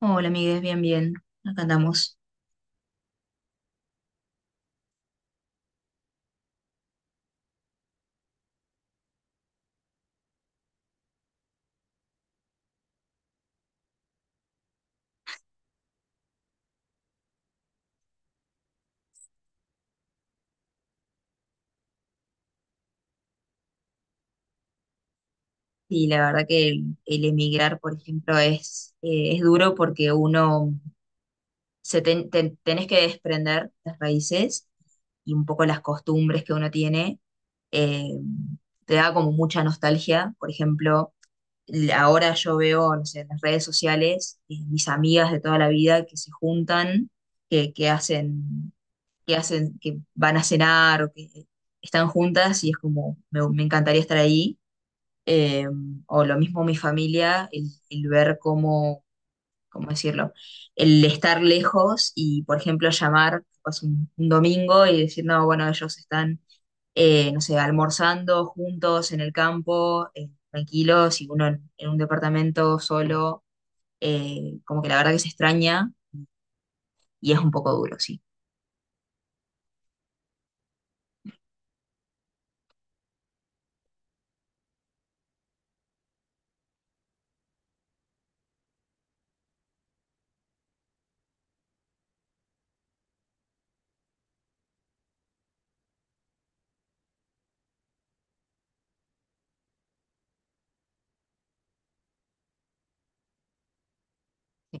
Hola, amigues, bien, bien. Acá andamos. Y la verdad que el emigrar, por ejemplo, es duro porque uno se tenés que desprender las raíces y un poco las costumbres que uno tiene. eh, Te da como mucha nostalgia. Por ejemplo, ahora yo veo, no sé, en las redes sociales, mis amigas de toda la vida que se juntan, que hacen, que hacen, que van a cenar o que están juntas y es como, me encantaría estar ahí eh, o lo mismo mi familia, el ver cómo, cómo decirlo, el estar lejos y, por ejemplo, llamar pues, un domingo y decir, no, bueno, ellos están, no sé, almorzando juntos en el campo, tranquilos, y uno en un departamento solo, como que la verdad que se extraña y es un poco duro, sí. Sí.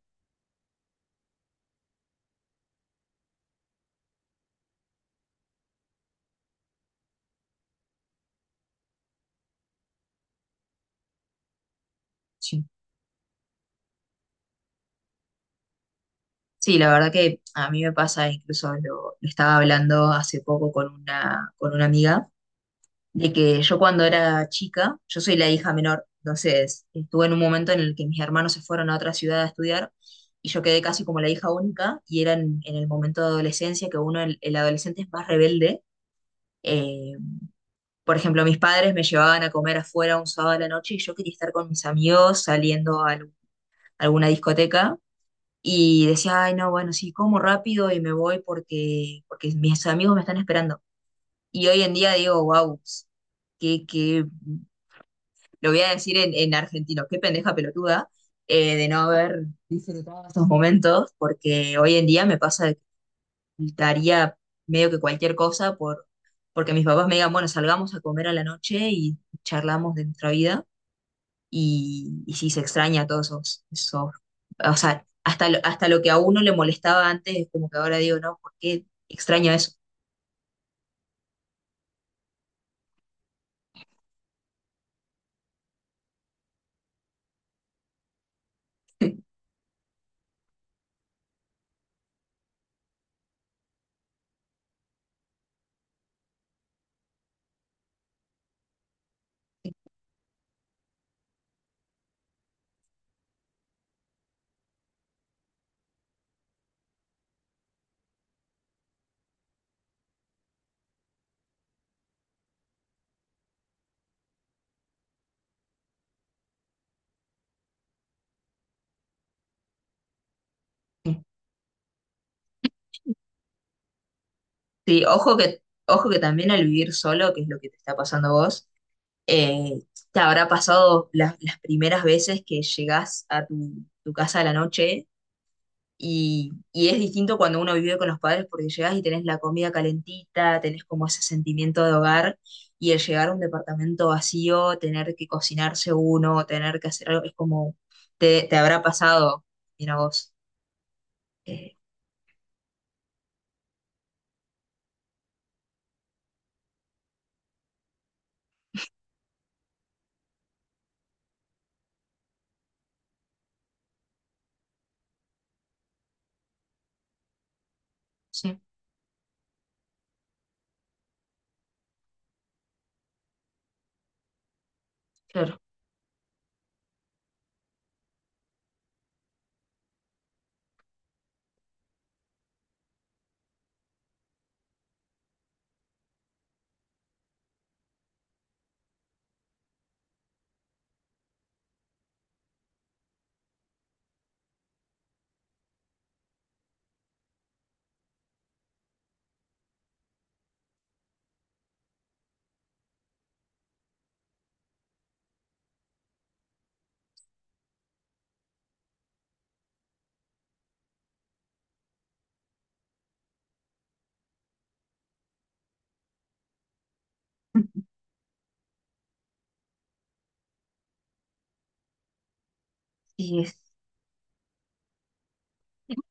Sí. Sí, la verdad que a mí me pasa, incluso lo estaba hablando hace poco con con una amiga de que yo cuando era chica, yo soy la hija menor, entonces estuve en un momento en el que mis hermanos se fueron a otra ciudad a estudiar y yo quedé casi como la hija única y era en el momento de adolescencia que uno, el adolescente es más rebelde. eh, por ejemplo, mis padres me llevaban a comer afuera un sábado a la noche y yo quería estar con mis amigos saliendo a alguna discoteca. Y decía, ay, no, bueno, sí, como rápido y me voy porque, porque mis amigos me están esperando. Y hoy en día digo, wow, que lo voy a decir en argentino, qué pendeja pelotuda de no haber disfrutado estos momentos, porque hoy en día me pasa de que daría medio que cualquier cosa por, porque mis papás me digan, bueno, salgamos a comer a la noche y charlamos de nuestra vida, y sí se extraña todos esos, esos o sea, hasta lo que a uno le molestaba antes, es como que ahora digo, no, ¿por qué extraño eso? Sí, ojo que también al vivir solo, que es lo que te está pasando a vos. Eh, ¿Te habrá pasado las primeras veces que llegás a tu, tu casa a la noche? Y es distinto cuando uno vive con los padres porque llegás y tenés la comida calentita, tenés como ese sentimiento de hogar y el llegar a un departamento vacío, tener que cocinarse uno, tener que hacer algo, es como, te habrá pasado, mira vos. Eh, sí, claro. Y es-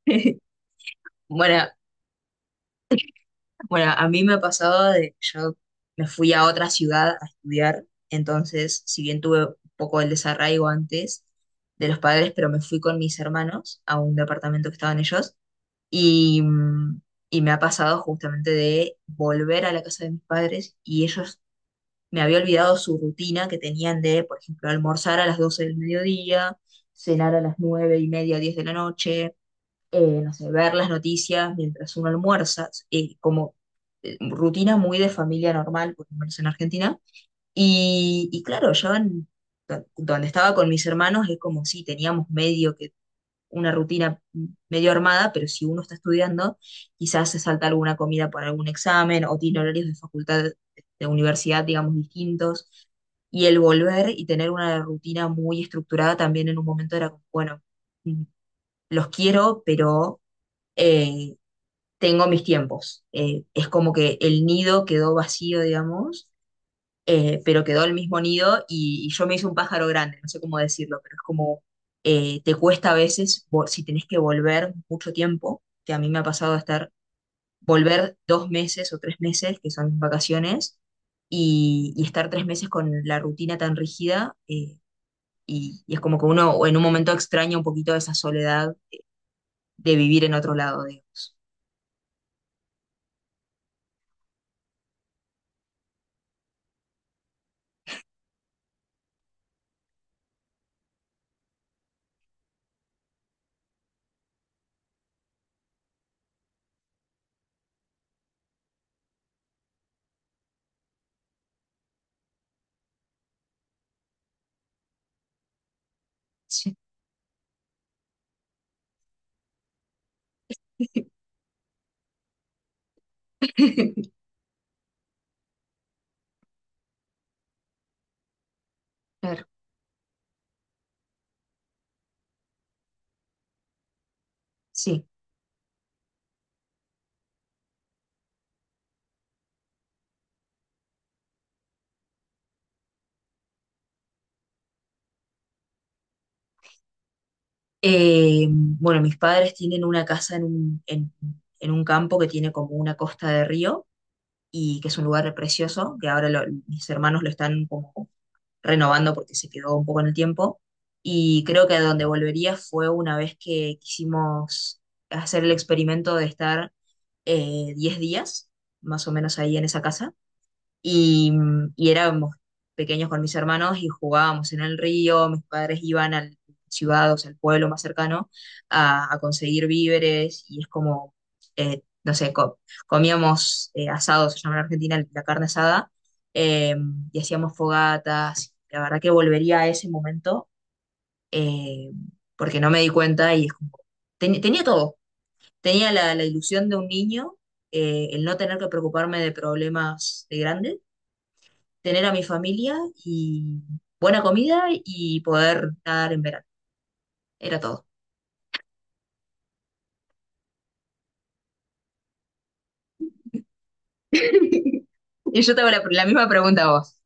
bueno, Bueno, a mí me ha pasado de yo me fui a otra ciudad a estudiar, entonces, si bien tuve un poco el desarraigo antes de los padres, pero me fui con mis hermanos a un departamento que estaban ellos y, mm, y me ha pasado justamente de volver a la casa de mis padres y ellos me había olvidado su rutina que tenían de, por ejemplo, almorzar a las 12 del mediodía, cenar a las 9 y media, 10 de la noche no sé, ver las noticias mientras uno almuerza, como rutina muy de familia normal, por lo menos en Argentina. Y claro, donde estaba con mis hermanos es como si teníamos medio que una rutina medio armada, pero si uno está estudiando, quizás se salta alguna comida por algún examen o tiene horarios de facultad, de universidad, digamos, distintos. Y el volver y tener una rutina muy estructurada también en un momento era como, bueno, mm, los quiero, pero eh, tengo mis tiempos. Es como que el nido quedó vacío, digamos, pero quedó el mismo nido y yo me hice un pájaro grande, no sé cómo decirlo, pero es como te cuesta a veces, si tenés que volver mucho tiempo, que a mí me ha pasado de estar, volver dos meses o tres meses, que son mis vacaciones, y estar tres meses con la rutina tan rígida, y es como que uno en un momento extraña un poquito esa soledad de vivir en otro lado, digamos. Sí. Claro, sí. Bueno, mis padres tienen una casa en un campo que tiene como una costa de río y que es un lugar precioso, que ahora mis hermanos lo están como renovando porque se quedó un poco en el tiempo. Y creo que a donde volvería fue una vez que quisimos hacer el experimento de estar 10 días, más o menos ahí en esa casa. Y, y éramos pequeños con mis hermanos y jugábamos en el río, mis padres iban al ciudad, o sea, al pueblo más cercano, a conseguir víveres y es como, no sé, comíamos asados, se llama en Argentina la carne asada, eh, y hacíamos fogatas, la verdad que volvería a ese momento eh, porque no me di cuenta y es como, tenía todo, tenía la ilusión de un niño, el no tener que preocuparme de problemas de grandes, tener a mi familia y buena comida y poder nadar en verano. Era todo. Y yo te hago la misma pregunta a vos.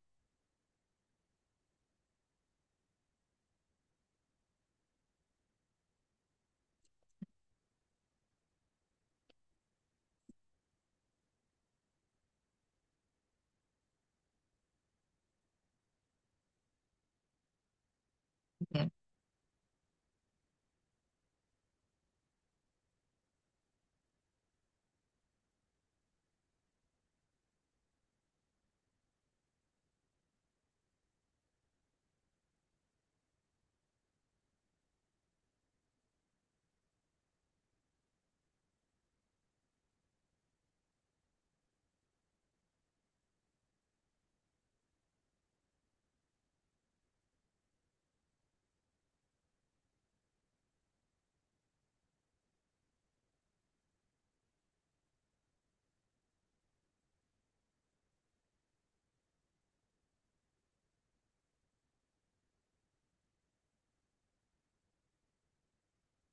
Bien,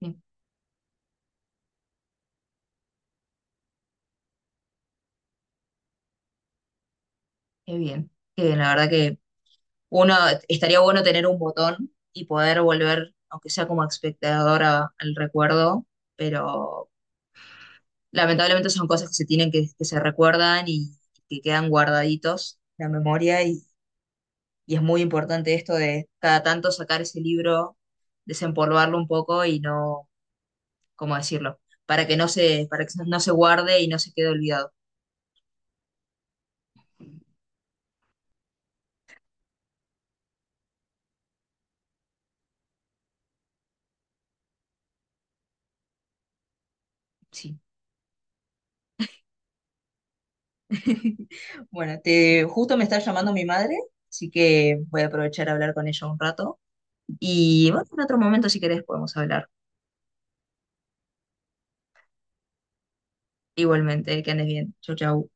bien, qué bien. Qué bien, la verdad que uno estaría bueno tener un botón y poder volver, aunque sea como espectador al recuerdo, pero lamentablemente son cosas que se tienen que se recuerdan y que quedan guardaditos en la memoria y es muy importante esto de cada tanto sacar ese libro, desempolvarlo un poco y no ¿cómo decirlo? Para que no se, para que no se guarde y no se quede olvidado. Sí. Bueno, te, justo me está llamando mi madre, así que voy a aprovechar a hablar con ella un rato. Y bueno, en otro momento, si querés, podemos hablar. Igualmente, que andes bien. Chau, chau.